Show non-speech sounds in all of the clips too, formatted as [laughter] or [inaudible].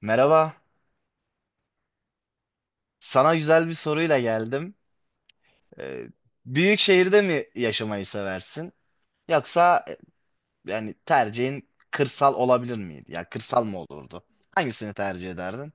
Merhaba. Sana güzel bir soruyla geldim. Ee, Büyük şehirde mi yaşamayı seversin? Yoksa yani tercihin kırsal olabilir miydi? Ya kırsal mı olurdu? Hangisini tercih ederdin?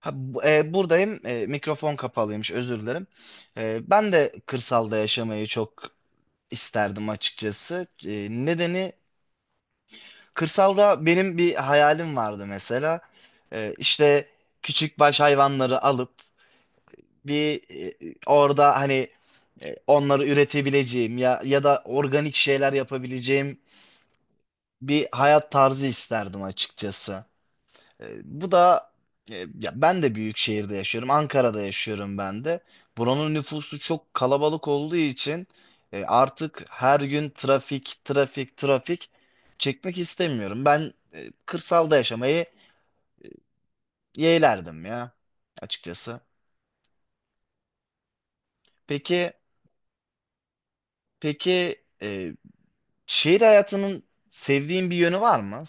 Ha, buradayım. Mikrofon kapalıymış. Özür dilerim. Ben de kırsalda yaşamayı çok isterdim açıkçası. Nedeni, kırsalda benim bir hayalim vardı mesela. İşte küçük baş hayvanları alıp bir orada hani onları üretebileceğim ya da organik şeyler yapabileceğim bir hayat tarzı isterdim açıkçası. Bu da ya ben de büyük şehirde yaşıyorum. Ankara'da yaşıyorum ben de. Buranın nüfusu çok kalabalık olduğu için artık her gün trafik, trafik, trafik çekmek istemiyorum. Ben kırsalda yaşamayı yeğlerdim ya açıkçası. Peki, peki e, şehir hayatının sevdiğin bir yönü var mı?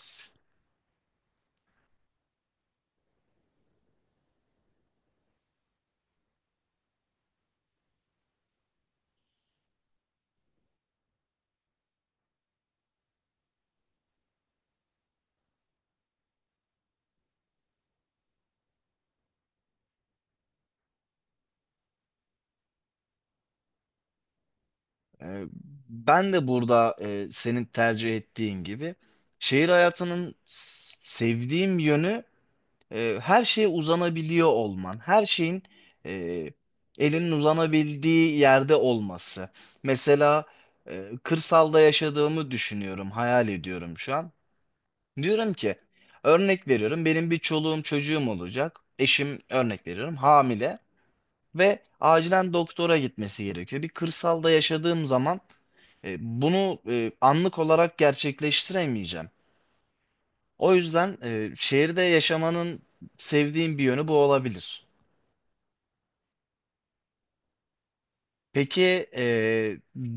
Ee, Ben de burada senin tercih ettiğin gibi şehir hayatının sevdiğim yönü, her şeye uzanabiliyor olman, her şeyin e, elinin uzanabildiği yerde olması. Mesela kırsalda yaşadığımı düşünüyorum, hayal ediyorum şu an. Diyorum ki, örnek veriyorum, benim bir çoluğum çocuğum olacak. Eşim, örnek veriyorum, hamile ve acilen doktora gitmesi gerekiyor. Bir kırsalda yaşadığım zaman bunu anlık olarak gerçekleştiremeyeceğim. O yüzden şehirde yaşamanın sevdiğim bir yönü bu olabilir. Peki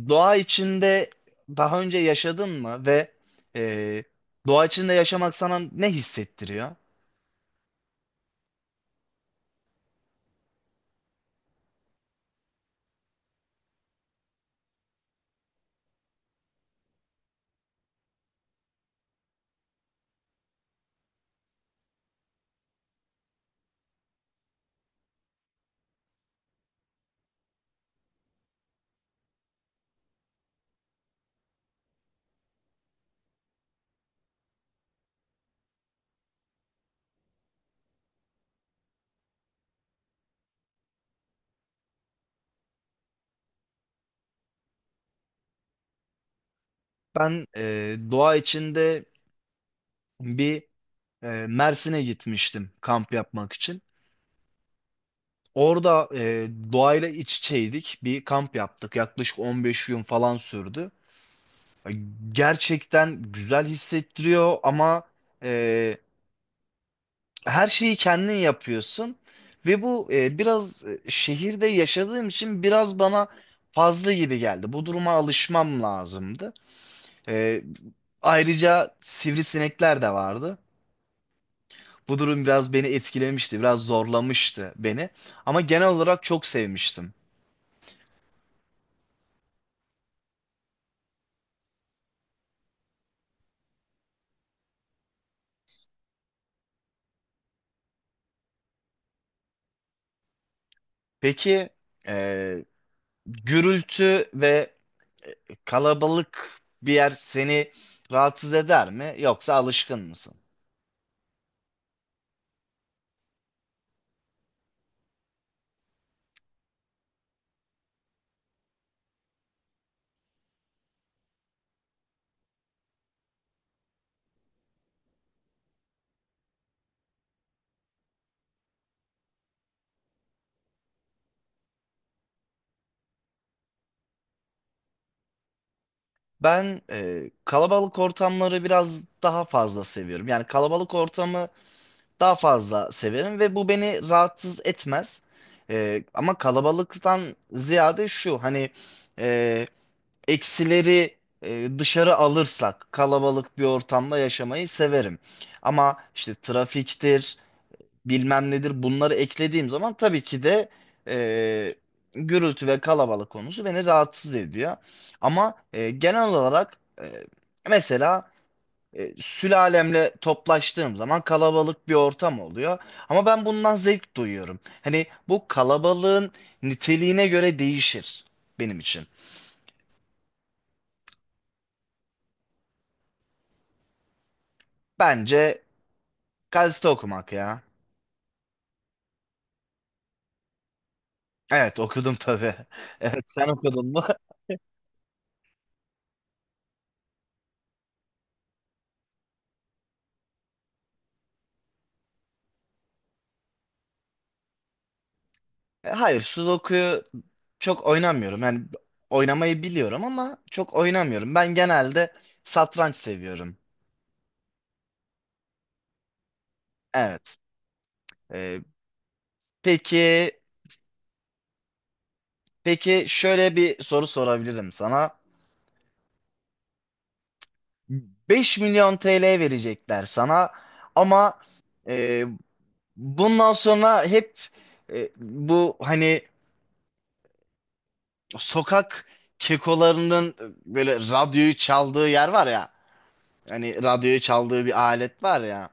doğa içinde daha önce yaşadın mı ve e, doğa içinde yaşamak sana ne hissettiriyor? Ben doğa içinde bir Mersin'e gitmiştim kamp yapmak için. Orada doğayla iç içeydik. Bir kamp yaptık. Yaklaşık 15 gün falan sürdü. Gerçekten güzel hissettiriyor ama e, her şeyi kendin yapıyorsun. Ve bu biraz şehirde yaşadığım için biraz bana fazla gibi geldi. Bu duruma alışmam lazımdı. E, Ayrıca sivrisinekler de vardı. Bu durum biraz beni etkilemişti, biraz zorlamıştı beni. Ama genel olarak çok sevmiştim. Peki, Ee, gürültü ve e, kalabalık bir yer seni rahatsız eder mi yoksa alışkın mısın? Ben kalabalık ortamları biraz daha fazla seviyorum. Yani kalabalık ortamı daha fazla severim ve bu beni rahatsız etmez. Ama kalabalıktan ziyade şu hani e, eksileri dışarı alırsak kalabalık bir ortamda yaşamayı severim. Ama işte trafiktir, bilmem nedir bunları eklediğim zaman tabii ki de e, gürültü ve kalabalık konusu beni rahatsız ediyor. Ama genel olarak mesela sülalemle toplaştığım zaman kalabalık bir ortam oluyor. Ama ben bundan zevk duyuyorum. Hani bu kalabalığın niteliğine göre değişir benim için. Bence gazete okumak ya. Evet, okudum tabii. [laughs] Evet, sen okudun mu? Hayır, sudoku çok oynamıyorum. Yani oynamayı biliyorum ama çok oynamıyorum. Ben genelde satranç seviyorum. Evet. Ee, peki peki, şöyle bir soru sorabilirim sana. 5 milyon TL verecekler sana ama e, bundan sonra hep bu hani sokak kekolarının böyle radyoyu çaldığı yer var ya. Hani radyoyu çaldığı bir alet var ya.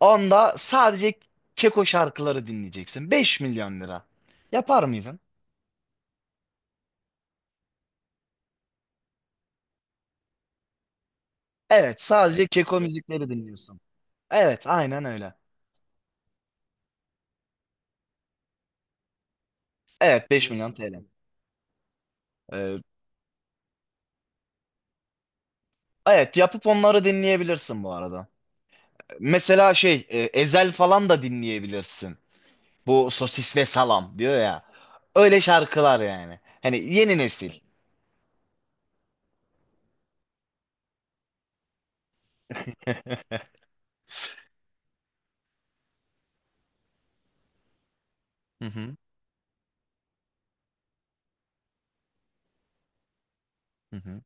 Onda sadece Keko şarkıları dinleyeceksin. 5 milyon lira. Yapar mıydın? Evet, sadece Keko müzikleri dinliyorsun. Evet, aynen öyle. Evet, 5 milyon TL. Ee, evet, yapıp onları dinleyebilirsin bu arada. Mesela şey, Ezel falan da dinleyebilirsin. Bu sosis ve salam diyor ya. Öyle şarkılar yani. Hani yeni nesil. [laughs] Hı hı, hı hı.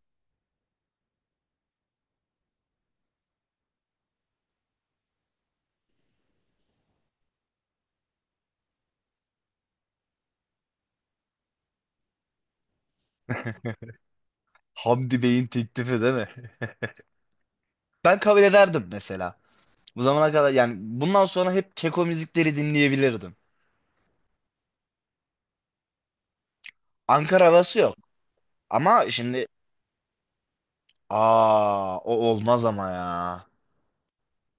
Hamdi Bey'in teklifi değil mi? [laughs] Ben kabul ederdim mesela. Bu zamana kadar yani bundan sonra hep keko müzikleri dinleyebilirdim. Ankara havası yok. Ama şimdi o olmaz ama ya.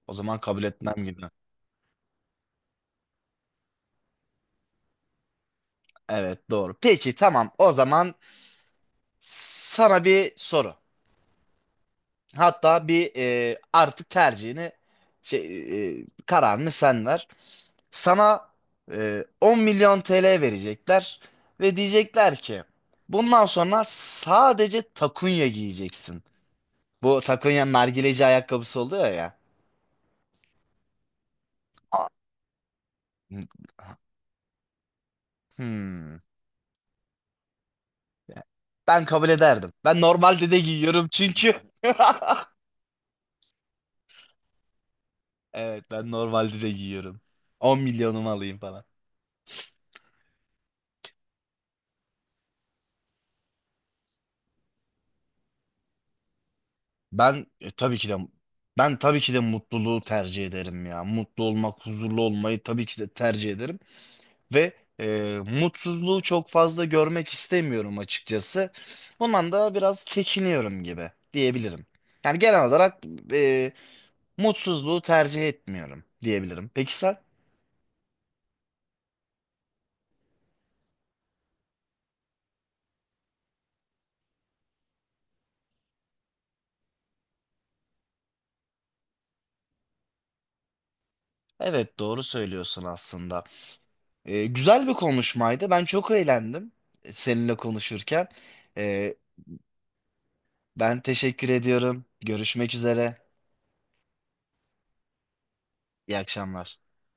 O zaman kabul etmem gibi. Evet, doğru. Peki tamam, o zaman sana bir soru. Hatta artık tercihini şey, kararını sen ver. Sana 10 milyon TL verecekler ve diyecekler ki bundan sonra sadece takunya giyeceksin. Bu Sakonya'nın nargileci ayakkabısı oluyor ya. A- Hmm. Ben kabul ederdim. Ben normalde de giyiyorum çünkü. [laughs] Evet, ben normalde de giyiyorum. 10 milyonumu alayım falan. Ben e, tabii ki de Ben tabii ki de mutluluğu tercih ederim ya. Mutlu olmak, huzurlu olmayı tabii ki de tercih ederim ve mutsuzluğu çok fazla görmek istemiyorum açıkçası. Bundan da biraz çekiniyorum gibi diyebilirim. Yani genel olarak e, mutsuzluğu tercih etmiyorum diyebilirim. Peki sen? Evet, doğru söylüyorsun aslında. Güzel bir konuşmaydı. Ben çok eğlendim seninle konuşurken. Ee, Ben teşekkür ediyorum. Görüşmek üzere. İyi akşamlar.